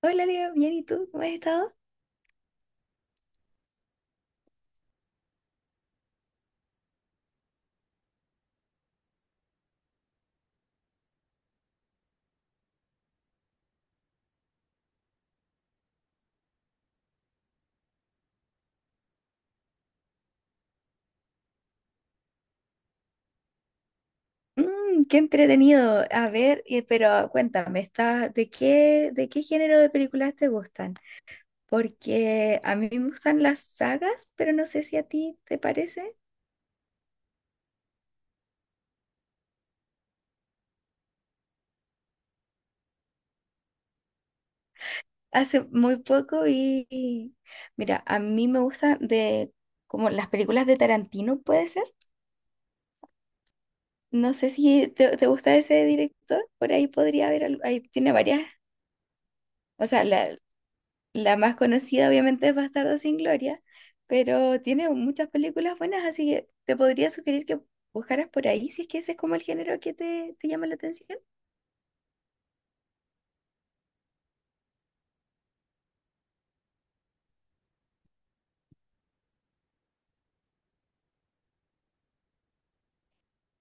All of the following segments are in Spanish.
Hola Leo, bien, ¿y tú? ¿Cómo has estado? Mm, qué entretenido. A ver, pero cuéntame, de qué género de películas te gustan? Porque a mí me gustan las sagas, pero no sé si a ti te parece. Hace muy poco mira, a mí me gustan de como las películas de Tarantino, ¿puede ser? No sé si te gusta ese director, por ahí podría haber, ahí tiene varias, o sea, la- La más conocida obviamente es Bastardo sin Gloria, pero tiene muchas películas buenas, así que te podría sugerir que buscaras por ahí si es que ese es como el género que te llama la atención.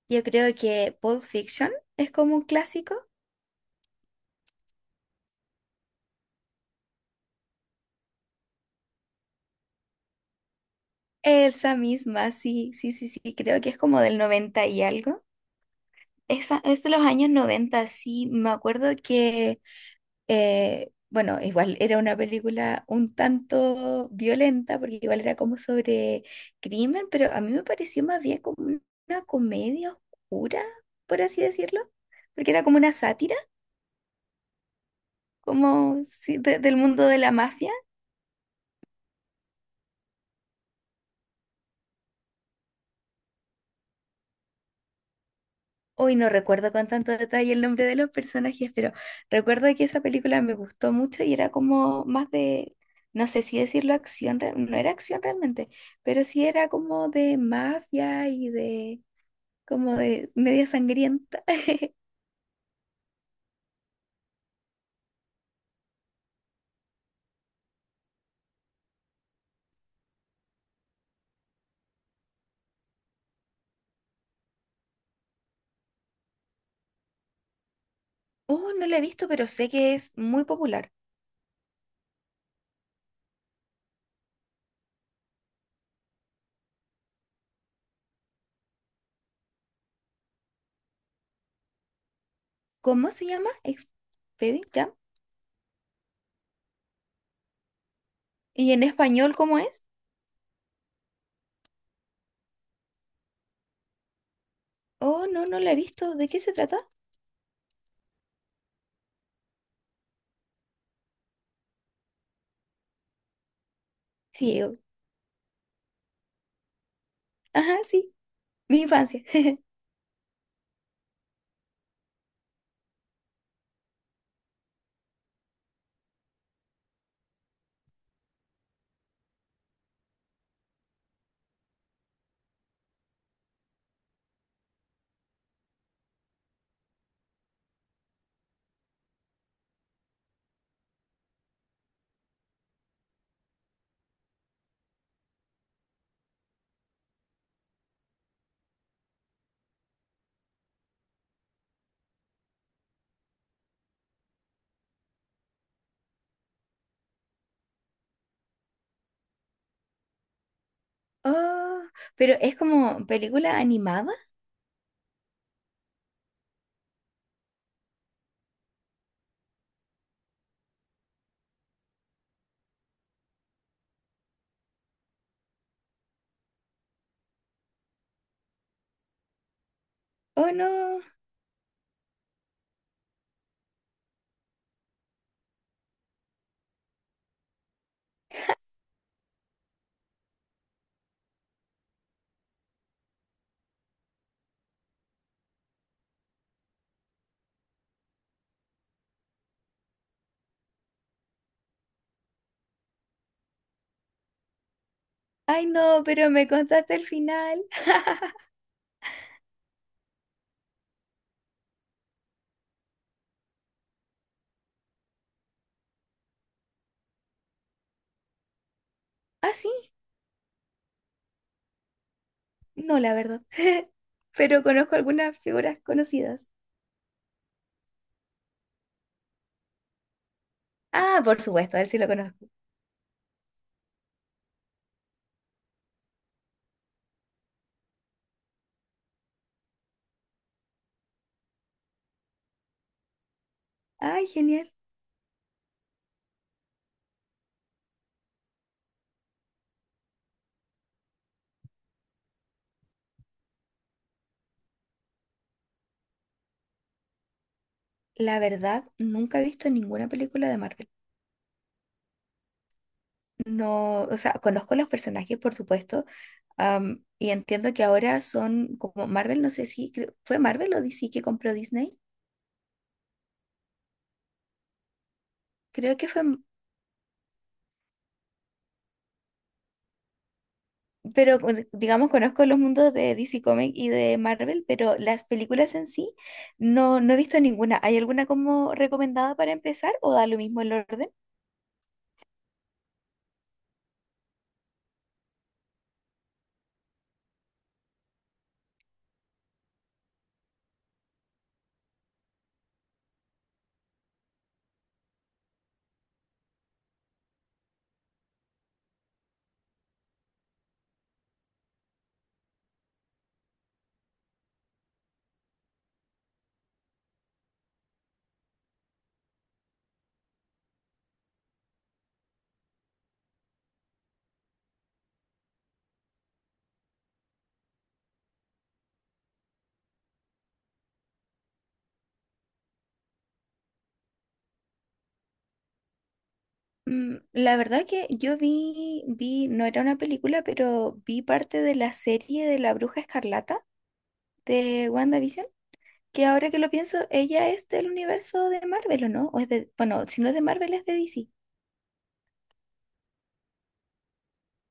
Yo creo que Pulp Fiction es como un clásico. Esa misma, sí, sí, sí, sí, creo que es como del 90 y algo. Esa, es de los años noventa, sí, me acuerdo que. Bueno, igual era una película un tanto violenta, porque igual era como sobre crimen, pero a mí me pareció más bien como una comedia oscura, por así decirlo, porque era como una sátira, como sí, del mundo de la mafia. Hoy no recuerdo con tanto detalle el nombre de los personajes, pero recuerdo que esa película me gustó mucho y era como más de, no sé si decirlo acción, no era acción realmente, pero sí era como de mafia y de como de media sangrienta. Oh, no la he visto, pero sé que es muy popular. ¿Cómo se llama? Expedit Jam. ¿Y en español cómo es? Oh, no, no la he visto. ¿De qué se trata? Sí, oh, ajá, sí, mi infancia. Oh, pero ¿es como película animada? Oh, no. Ay, no, pero me contaste el final. Ah, sí, no, la verdad. Pero conozco algunas figuras conocidas. Ah, por supuesto, a él sí lo conozco. Ay, genial. La verdad, nunca he visto ninguna película de Marvel. No, o sea, conozco los personajes, por supuesto, y entiendo que ahora son como Marvel, no sé si fue Marvel o DC que compró Disney. Creo que fue, pero digamos, conozco los mundos de DC Comics y de Marvel, pero las películas en sí no, no he visto ninguna. ¿Hay alguna como recomendada para empezar o da lo mismo el orden? Mm, la verdad que yo vi, no era una película, pero vi parte de la serie de La Bruja Escarlata, de WandaVision, que ahora que lo pienso, ella es del universo de Marvel, ¿o no? O es de, bueno, si no es de Marvel, es de DC.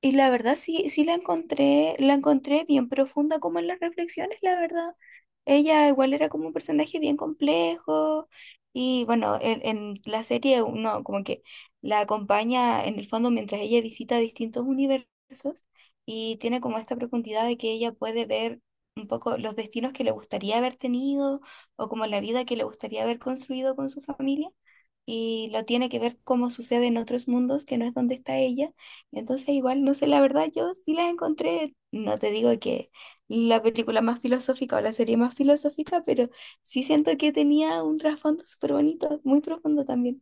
Y la verdad sí, sí la encontré bien profunda como en las reflexiones, la verdad. Ella igual era como un personaje bien complejo y bueno, en la serie uno como que la acompaña en el fondo mientras ella visita distintos universos y tiene como esta profundidad de que ella puede ver un poco los destinos que le gustaría haber tenido o como la vida que le gustaría haber construido con su familia y lo tiene que ver cómo sucede en otros mundos que no es donde está ella. Entonces, igual, no sé, la verdad, yo sí las encontré, no te digo que la película más filosófica o la serie más filosófica, pero sí siento que tenía un trasfondo súper bonito, muy profundo también.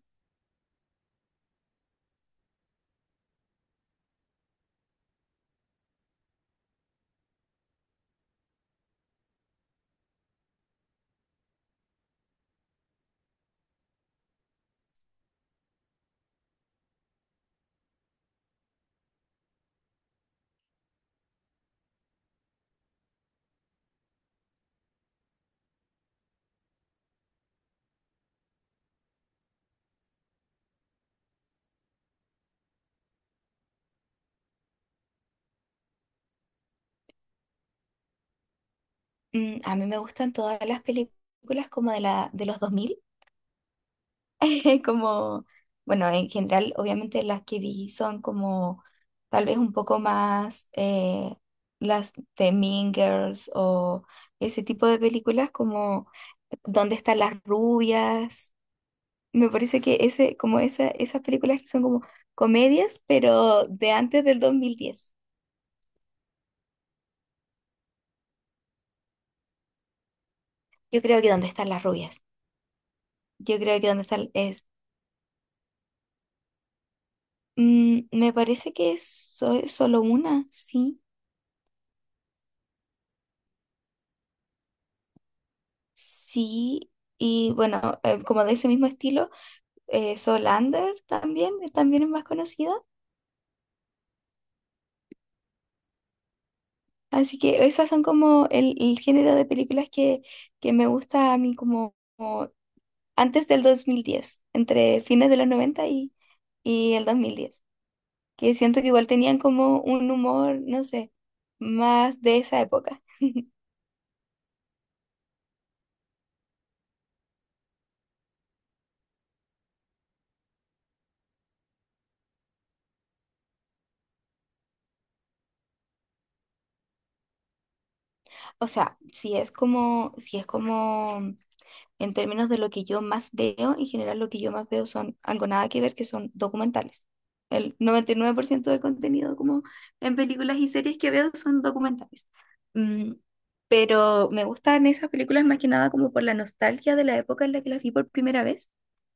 Mm, a mí me gustan todas las películas como de de los dos mil, como, bueno, en general, obviamente las que vi son como tal vez un poco más las de Mean Girls o ese tipo de películas como ¿Dónde están las rubias? Me parece que ese, como esa, esas películas que son como comedias, pero de antes del dos mil diez. Yo creo que ¿Dónde están las rubias? Yo creo que ¿Dónde están es... mm, Me parece que es solo una, sí. Sí, y bueno, como de ese mismo estilo, Solander también, también es más conocida. Así que esas son como el género de películas que me gusta a mí como antes del 2010, entre fines de los 90 y el 2010, que siento que igual tenían como un humor, no sé, más de esa época. O sea, si es como. En términos de lo que yo más veo, en general lo que yo más veo son algo nada que ver, que son documentales. El 99% del contenido como en películas y series que veo son documentales. Mm, pero me gustan esas películas más que nada como por la nostalgia de la época en la que las vi por primera vez,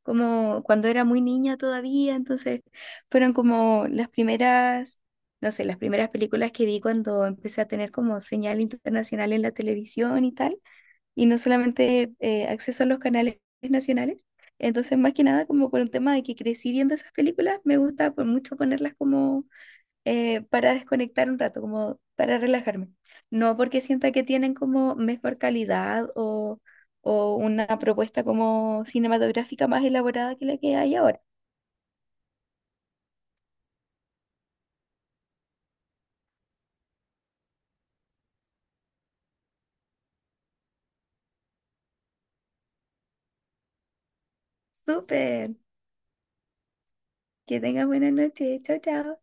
como cuando era muy niña todavía, entonces fueron como las primeras, no sé, las primeras películas que vi cuando empecé a tener como señal internacional en la televisión y tal y no solamente acceso a los canales nacionales. Entonces, más que nada, como por un tema de que crecí viendo esas películas, me gusta por mucho ponerlas como para desconectar un rato, como para relajarme. No porque sienta que tienen como mejor calidad o una propuesta como cinematográfica más elaborada que la que hay ahora. Súper, que tengas buena noche. Chao, chao.